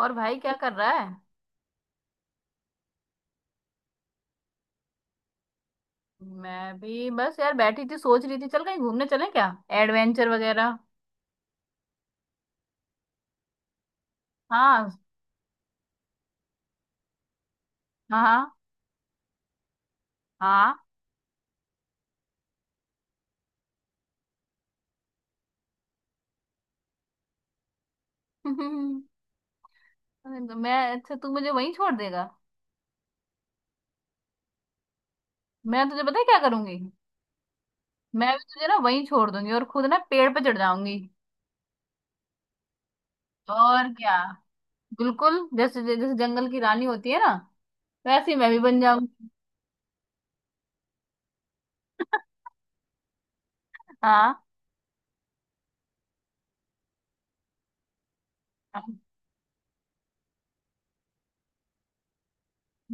और भाई क्या कर रहा है। मैं भी बस यार बैठी थी, सोच रही थी चल कहीं घूमने चले क्या, एडवेंचर वगैरह। हाँ हाँ हाँ हाँ अरे, तो मैं, अच्छा तू मुझे वहीं छोड़ देगा? मैं तुझे पता है क्या करूंगी, मैं भी तुझे ना वहीं छोड़ दूंगी और खुद ना पेड़ पे चढ़ जाऊंगी। और क्या। बिल्कुल जैसे जैसे जंगल की रानी होती है ना, वैसे ही मैं भी बन जाऊंगी। हाँ,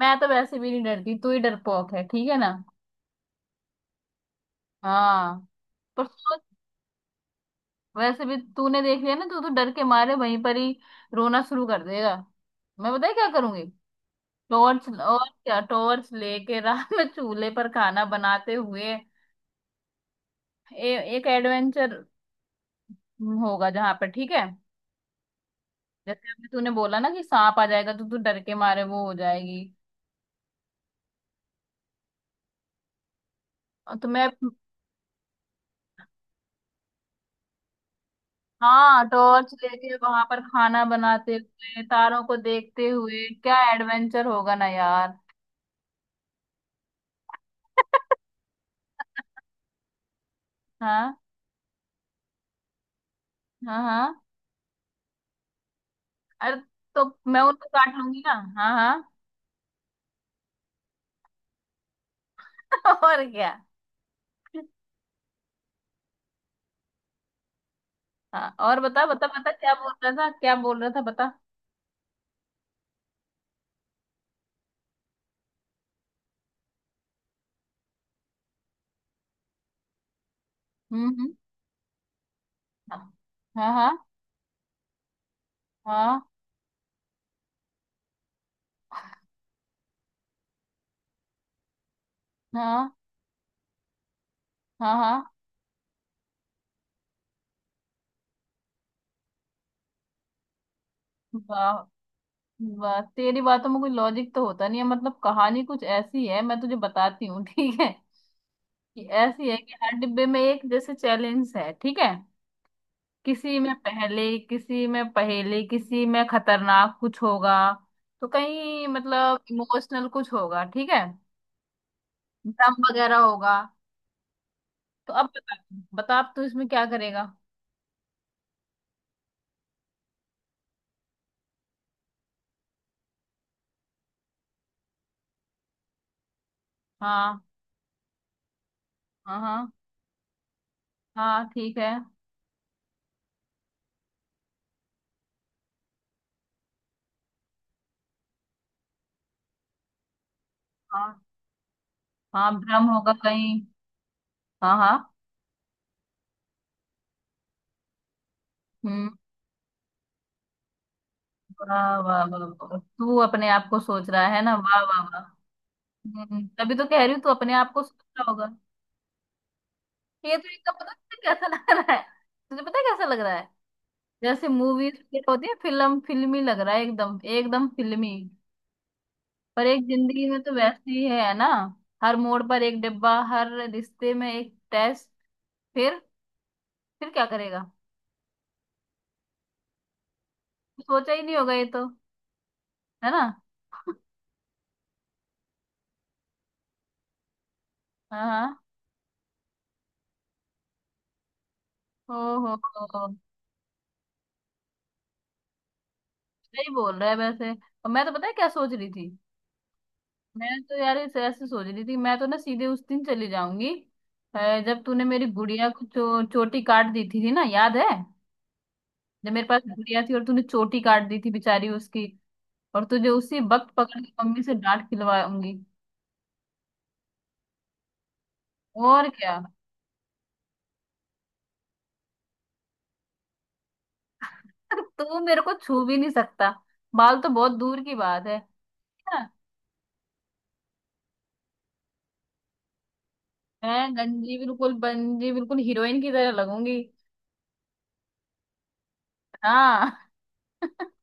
मैं तो वैसे भी नहीं डरती, तू ही डरपोक है, ठीक है ना। हाँ, पर सोच, वैसे भी तूने देख लिया ना, तू तो डर के मारे वहीं पर ही रोना शुरू कर देगा। मैं बताया क्या करूंगी, टॉर्च, और क्या, टॉर्च लेके रात में चूल्हे पर खाना बनाते हुए एक एडवेंचर होगा जहां पर, ठीक है। जैसे अभी तूने बोला ना कि सांप आ जाएगा तो तू डर के मारे वो हो जाएगी, तो मैं, हाँ टॉर्च लेके वहां पर खाना बनाते हुए तारों को देखते हुए क्या एडवेंचर होगा ना यार। हाँ हाँ हाँ, अरे तो मैं उनको काट लूंगी ना। हाँ हाँ। और क्या। हाँ, और बता बता बता, क्या बोल रहा था, क्या बोल रहा था, बता। हम्म। हाँ हाँ हाँ हाँ हाँ हाँ। वाह वाह, तेरी बातों में कोई लॉजिक तो होता नहीं है, मतलब कहानी कुछ ऐसी है, मैं तुझे बताती हूँ ठीक है। कि ऐसी है कि हर डिब्बे में एक जैसे चैलेंज है, ठीक है। किसी में पहले, किसी में पहेली, किसी में खतरनाक कुछ होगा, तो कहीं मतलब इमोशनल कुछ होगा, ठीक है। ड्रम वगैरह होगा, तो अब बता, बता अब तू इसमें क्या करेगा। हाँ हाँ हाँ हाँ, ठीक है। हाँ, हाँ भ्रम होगा कहीं। हाँ हाँ। हम्म। वाह वाह वाह वाह। तू अपने आप को सोच रहा है ना, वाह वाह वाह। तभी तो कह रही हूँ, तू अपने आप को सोच रहा होगा। ये तो एकदम पता है कैसा लग रहा है, तुझे पता है कैसा लग रहा है, जैसे मूवीज होती है, फिल्म, फिल्मी लग रहा है, एकदम एकदम फिल्मी। पर एक जिंदगी में तो वैसे ही है ना, हर मोड़ पर एक डिब्बा, हर रिश्ते में एक टेस्ट। फिर फिर क्या करेगा? सोचा ही नहीं होगा ये तो, है ना। हाँ हाँ। ओहो, हो, सही बोल रहा है वैसे। और मैं तो पता है क्या सोच रही थी, मैं तो यार ऐसे ऐसे सोच रही थी, मैं तो ना सीधे उस दिन चली जाऊंगी जब तूने मेरी गुड़िया को चोटी काट दी थी ना, याद है? जब मेरे पास गुड़िया थी और तूने चोटी काट दी थी बेचारी उसकी, और तुझे उसी वक्त पकड़ के मम्मी से डांट खिलवाऊंगी, और क्या। तू मेरे को छू भी नहीं सकता, बाल तो बहुत दूर की बात है, ना? मैं गंजी बिल्कुल, बंजी बिल्कुल हीरोइन की तरह लगूंगी। हाँ।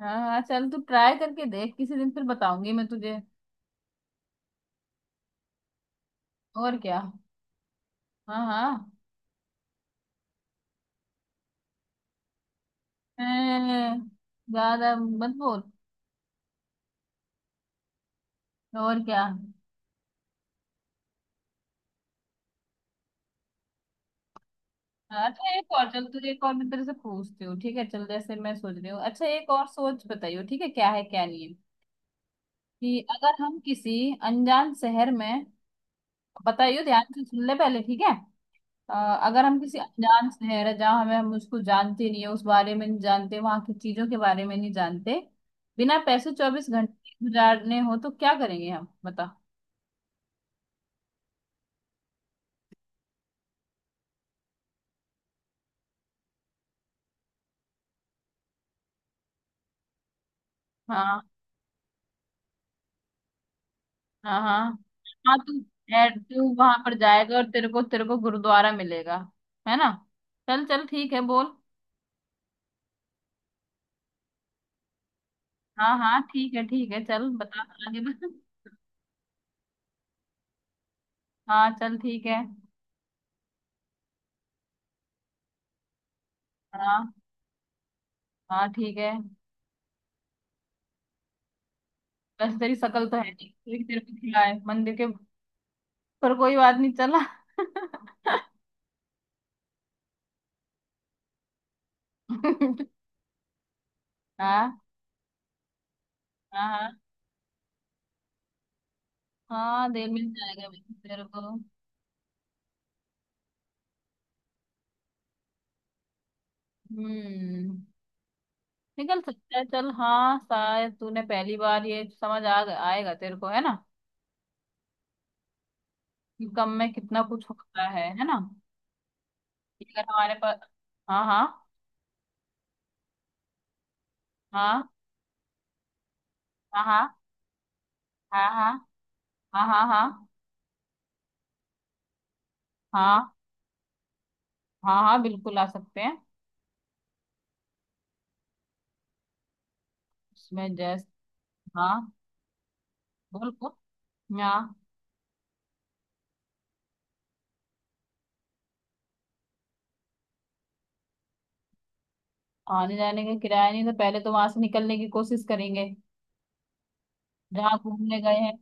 हाँ हाँ, चल तू ट्राई करके देख किसी दिन, फिर बताऊंगी मैं तुझे, और क्या। हाँ हाँ। अं, ज्यादा मत बोल, और क्या। हाँ, अच्छा एक और, चल तुझे एक और मैं तेरे से पूछती हूँ, ठीक है, चल जैसे मैं सोच रही हूँ, अच्छा एक और सोच, बताइयो ठीक है, क्या है क्या नहीं है। कि अगर हम किसी अनजान शहर में, बताइयो ध्यान से सुन ले पहले, ठीक है। अ, अगर हम किसी अनजान शहर है जहाँ हमें, हम उसको जानते नहीं है, उस बारे में नहीं जानते, वहां की चीजों के बारे में नहीं जानते, बिना पैसे चौबीस घंटे गुजारने हो तो क्या करेंगे हम, बता। हाँ हाँ हाँ हाँ तू, तू वहां पर जाएगा और तेरे को गुरुद्वारा मिलेगा, है ना। चल चल ठीक है, बोल। हाँ हाँ, ठीक है ठीक है, चल बता आगे बता। हाँ चल ठीक है। हाँ हाँ ठीक है। वैसे तेरी शक्ल तो है नहीं, कोई तेरे को खिलाए मंदिर के, पर कोई बात नहीं, चला। हाँ हाँ, हाँ देर मिल जाएगा वैसे तेरे को। हम्म, निकल सकता है, चल हाँ, शायद तूने पहली बार ये समझ आ आएगा तेरे को, है ना, कि कम में कितना कुछ होता है ना। अगर हमारे पास, हाँ हाँ हाँ हाँ हाँ हाँ हाँ हाँ हाँ हाँ हाँ हाँ, हाँ बिल्कुल आ सकते हैं। उसमें जैस, हाँ बिल्कुल, हाँ आने जाने का किराया नहीं, तो पहले तो वहां से निकलने की कोशिश करेंगे, जहाँ घूमने गए हैं।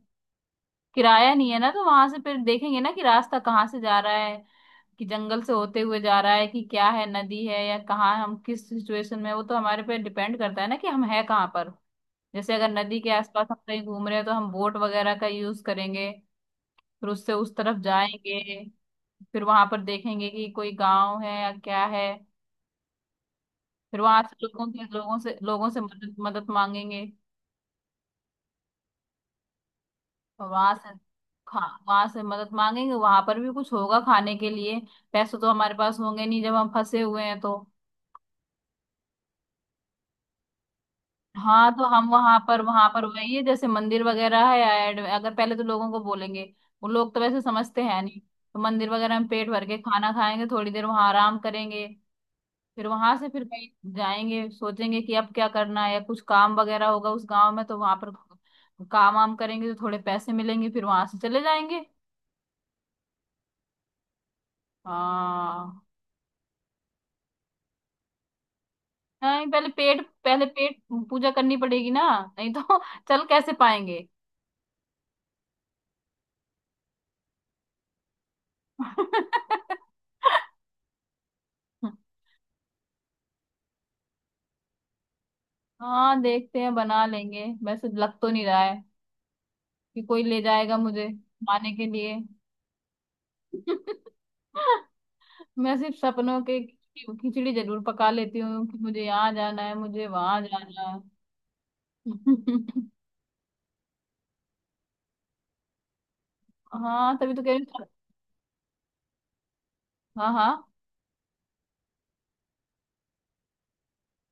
किराया नहीं है ना तो वहां से फिर देखेंगे ना कि रास्ता कहाँ से जा रहा है, कि जंगल से होते हुए जा रहा है, कि क्या है, नदी है, या कहाँ हम किस सिचुएशन में हैं, वो तो हमारे पे डिपेंड करता है ना कि हम है कहाँ पर। जैसे अगर नदी के आसपास हम कहीं घूम रहे हैं तो हम बोट वगैरह का यूज करेंगे, फिर उससे उस तरफ जाएंगे, फिर वहां पर देखेंगे कि कोई गांव है या क्या है, फिर वहां से लोगों से मदद मदद मांगेंगे। वहां से खा, वहां से मदद मांगेंगे, वहां पर भी कुछ होगा खाने के लिए, पैसे तो हमारे पास होंगे नहीं जब हम फंसे हुए हैं तो। हाँ, तो हम वहां पर वही है, जैसे मंदिर वगैरह है, ऐड अगर पहले तो लोगों को बोलेंगे, वो लोग तो वैसे समझते हैं नहीं, तो मंदिर वगैरह में पेट भर के खाना खाएंगे, थोड़ी देर वहां आराम करेंगे, फिर वहां से फिर कहीं जाएंगे, सोचेंगे कि अब क्या करना है, या कुछ काम वगैरह होगा उस गांव में तो वहां पर काम वाम करेंगे तो थोड़े पैसे मिलेंगे, फिर वहां से चले जाएंगे। हाँ, नहीं पहले पेट, पहले पेट पूजा करनी पड़ेगी ना, नहीं तो चल कैसे पाएंगे। हाँ देखते हैं, बना लेंगे, वैसे लग तो नहीं रहा है कि कोई ले जाएगा मुझे खाने के लिए। मैं सिर्फ सपनों के खिचड़ी खिचड़ी जरूर पका लेती हूँ कि मुझे यहाँ जाना है, मुझे वहां जाना है। हाँ तभी तो कह रही हूँ। हाँ हाँ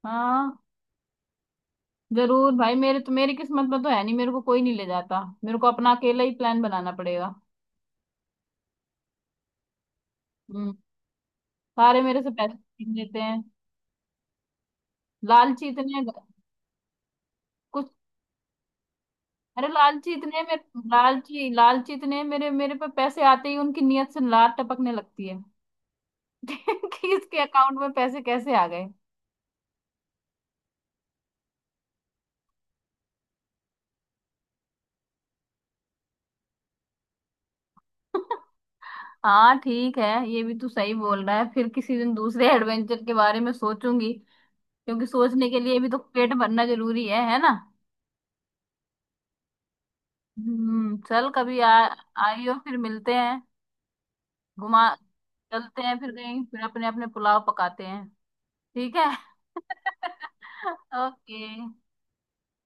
हाँ, जरूर भाई, मेरे तो, मेरी किस्मत में तो है नहीं, मेरे को कोई नहीं ले जाता, मेरे को अपना अकेला ही प्लान बनाना पड़ेगा। हम्म। सारे मेरे से पैसे छीन लेते हैं, लालची इतने, कुछ अरे लालची इतने मेरे, लालची लालची इतने मेरे, मेरे पे पैसे आते ही उनकी नीयत से लात टपकने लगती है। कि इसके अकाउंट में पैसे कैसे आ गए। हाँ ठीक है, ये भी तू सही बोल रहा है, फिर किसी दिन दूसरे एडवेंचर के बारे में सोचूंगी, क्योंकि सोचने के लिए भी तो पेट भरना जरूरी है ना। हम्म, चल कभी आ, आइयो, फिर मिलते हैं, घुमा, चलते हैं फिर कहीं, फिर अपने अपने पुलाव पकाते हैं। ठीक है। ओके।